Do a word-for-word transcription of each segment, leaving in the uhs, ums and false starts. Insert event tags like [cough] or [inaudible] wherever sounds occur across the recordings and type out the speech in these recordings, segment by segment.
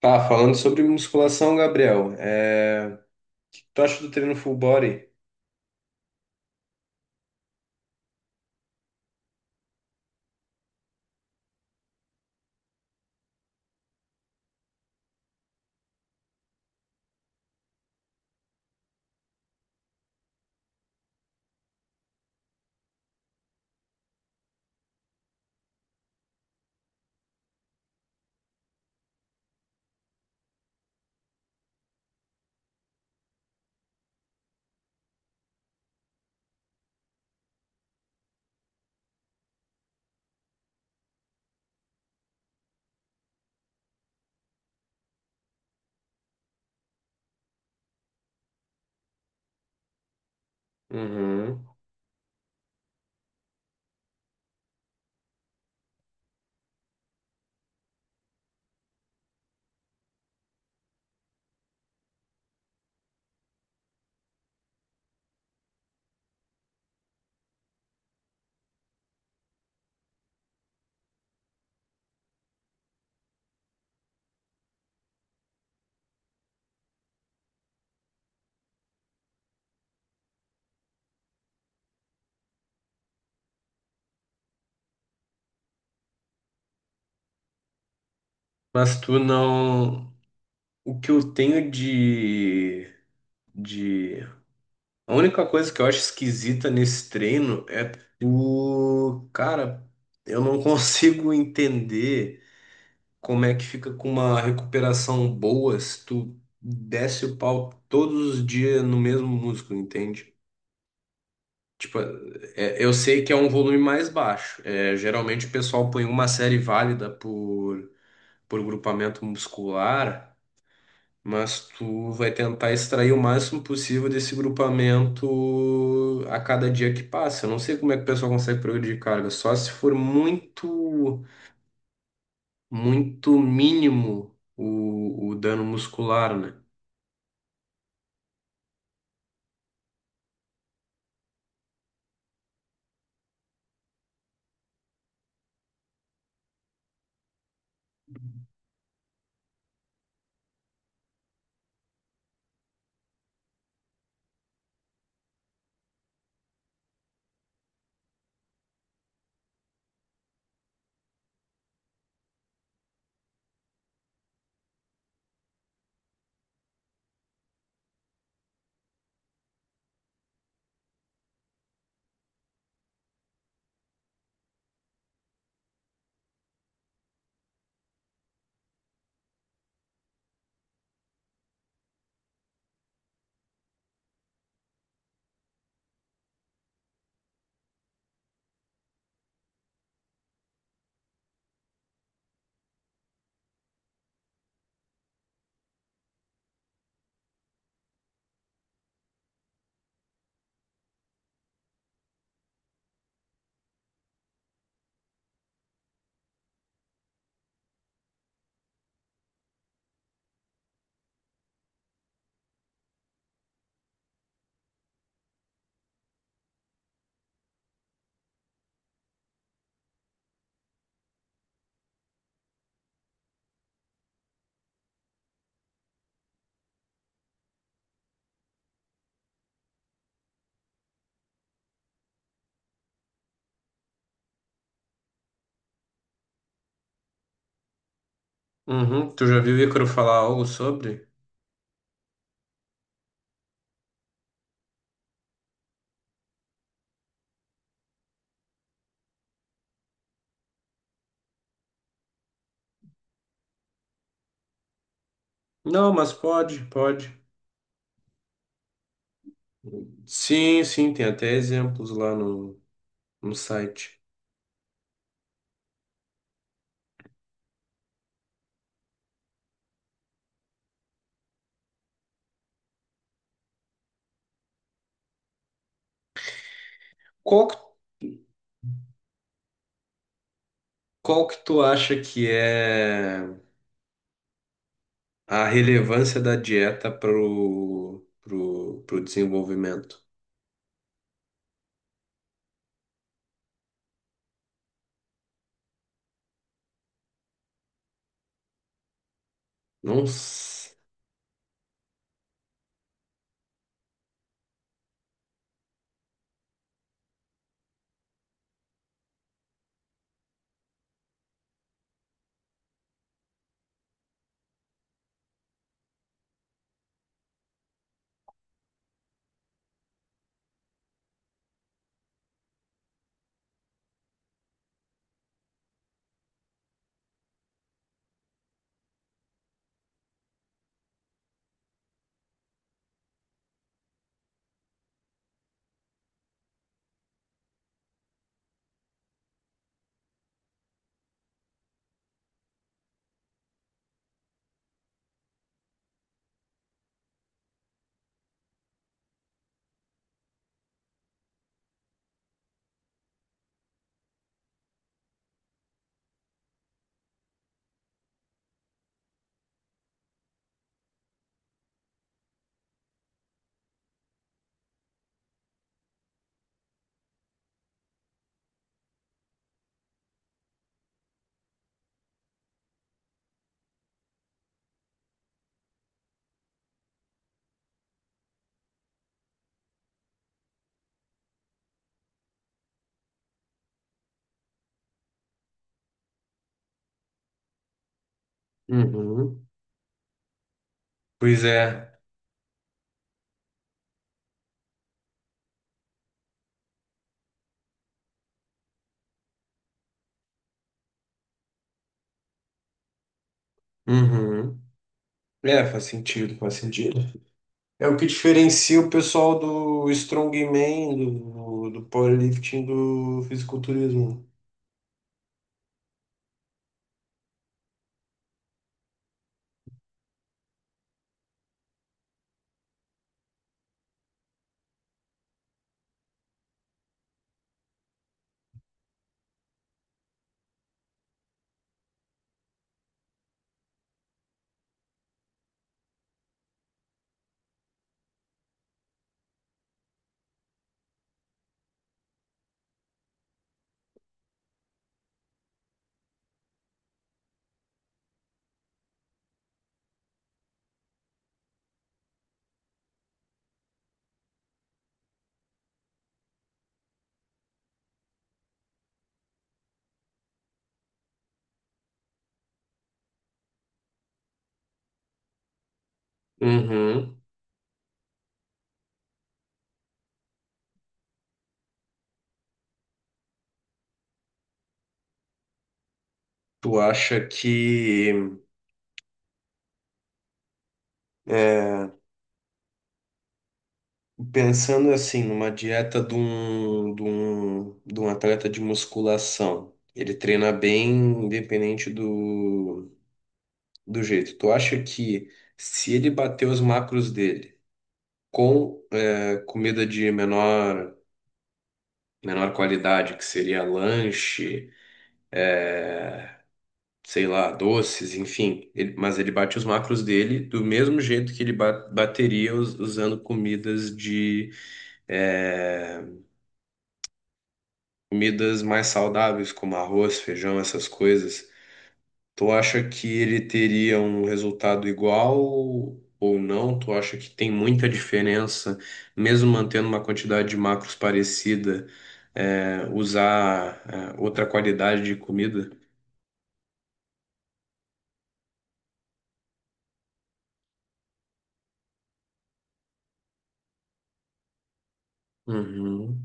Tá, falando sobre musculação, Gabriel, é... tu acha do treino full body? Uhum. Mas tu não. O que eu tenho de... de. A única coisa que eu acho esquisita nesse treino é o. Cara, eu não [laughs] consigo entender como é que fica com uma recuperação boa se tu desce o pau todos os dias no mesmo músculo, entende? Tipo, é- eu sei que é um volume mais baixo. É, geralmente o pessoal põe uma série válida por, por grupamento muscular, mas tu vai tentar extrair o máximo possível desse grupamento a cada dia que passa. Eu não sei como é que o pessoal consegue progredir de carga, só se for muito, muito mínimo o, o dano muscular, né? Uhum. Tu já viu o Ícaro falar algo sobre? Não, mas pode, pode. Sim, sim, tem até exemplos lá no, no site. Qual que, qual que tu acha que é a relevância da dieta pro, pro, pro desenvolvimento? Não. s- Uhum. Pois é. Uhum. É, faz sentido, faz sentido. É o que diferencia o pessoal do strongman, do, do powerlifting, do fisiculturismo. Uhum. Tu acha que é, Pensando assim, numa dieta de um, de um, de um atleta de musculação, ele treina bem independente do, do jeito. Tu acha que se ele bater os macros dele com eh, comida de menor, menor qualidade, que seria lanche, sei lá, doces, enfim, ele- mas ele bate os macros dele do mesmo jeito que ele ba- bateria us- usando comidas de eh, Comidas mais saudáveis, como arroz, feijão, essas coisas, tu acha que ele teria um resultado igual ou não? Tu acha que tem muita diferença, mesmo mantendo uma quantidade de macros parecida, é, usar, é, outra qualidade de comida? Uhum,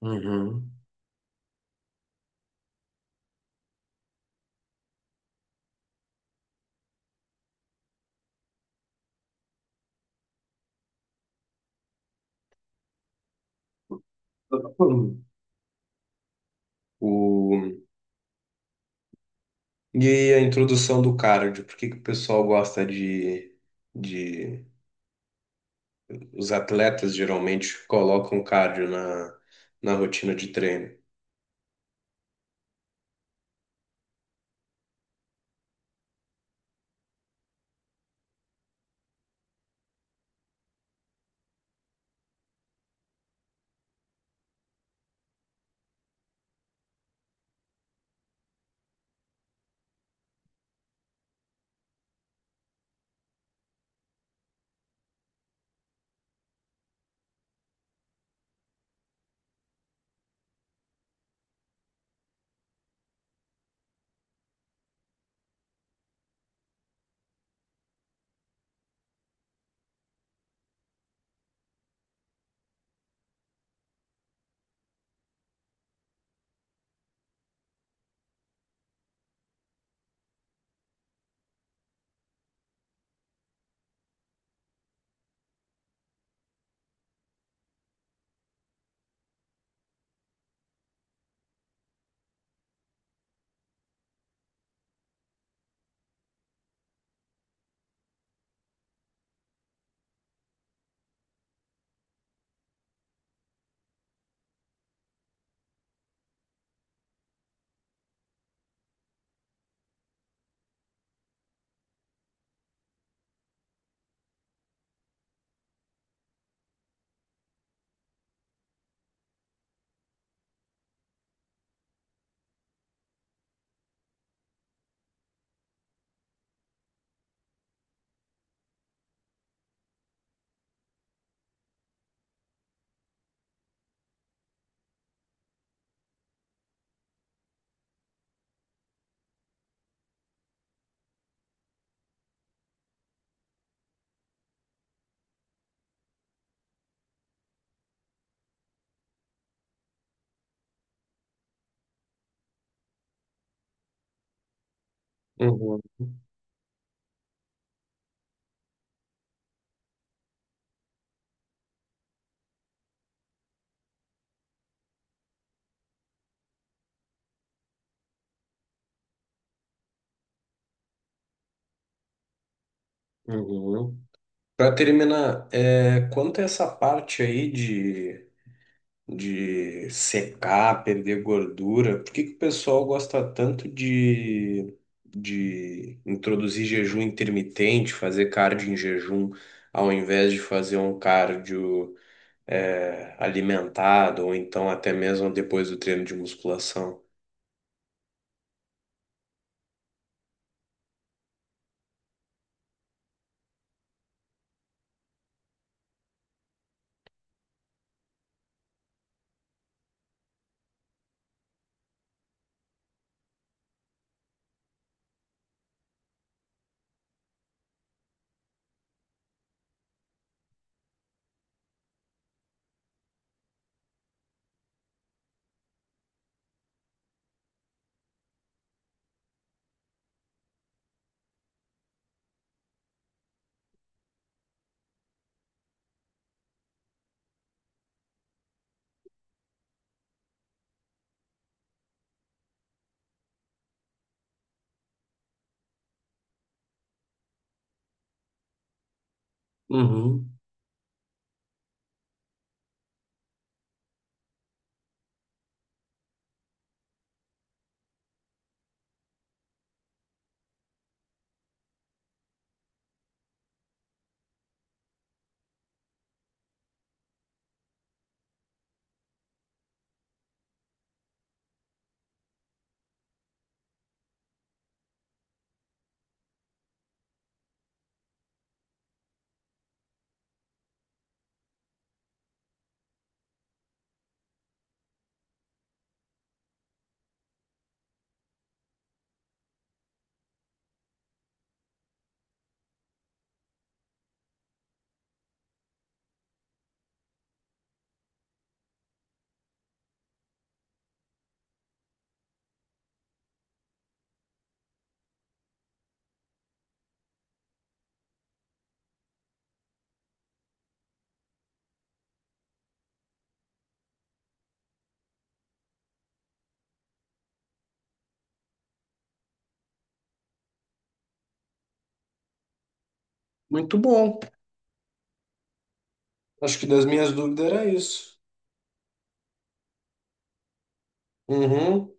uhum. O... E a introdução do cardio, por que que o pessoal gosta de, de os atletas geralmente colocam cardio na, na rotina de treino. Uhum, uhum. Para terminar, é, quanto a essa parte aí de, de secar, perder gordura, por que que o pessoal gosta tanto de, de introduzir jejum intermitente, fazer cardio em jejum, ao invés de fazer um cardio, é, alimentado, ou então até mesmo depois do treino de musculação? Uhum. Muito bom. Acho que das minhas dúvidas era isso. Uhum.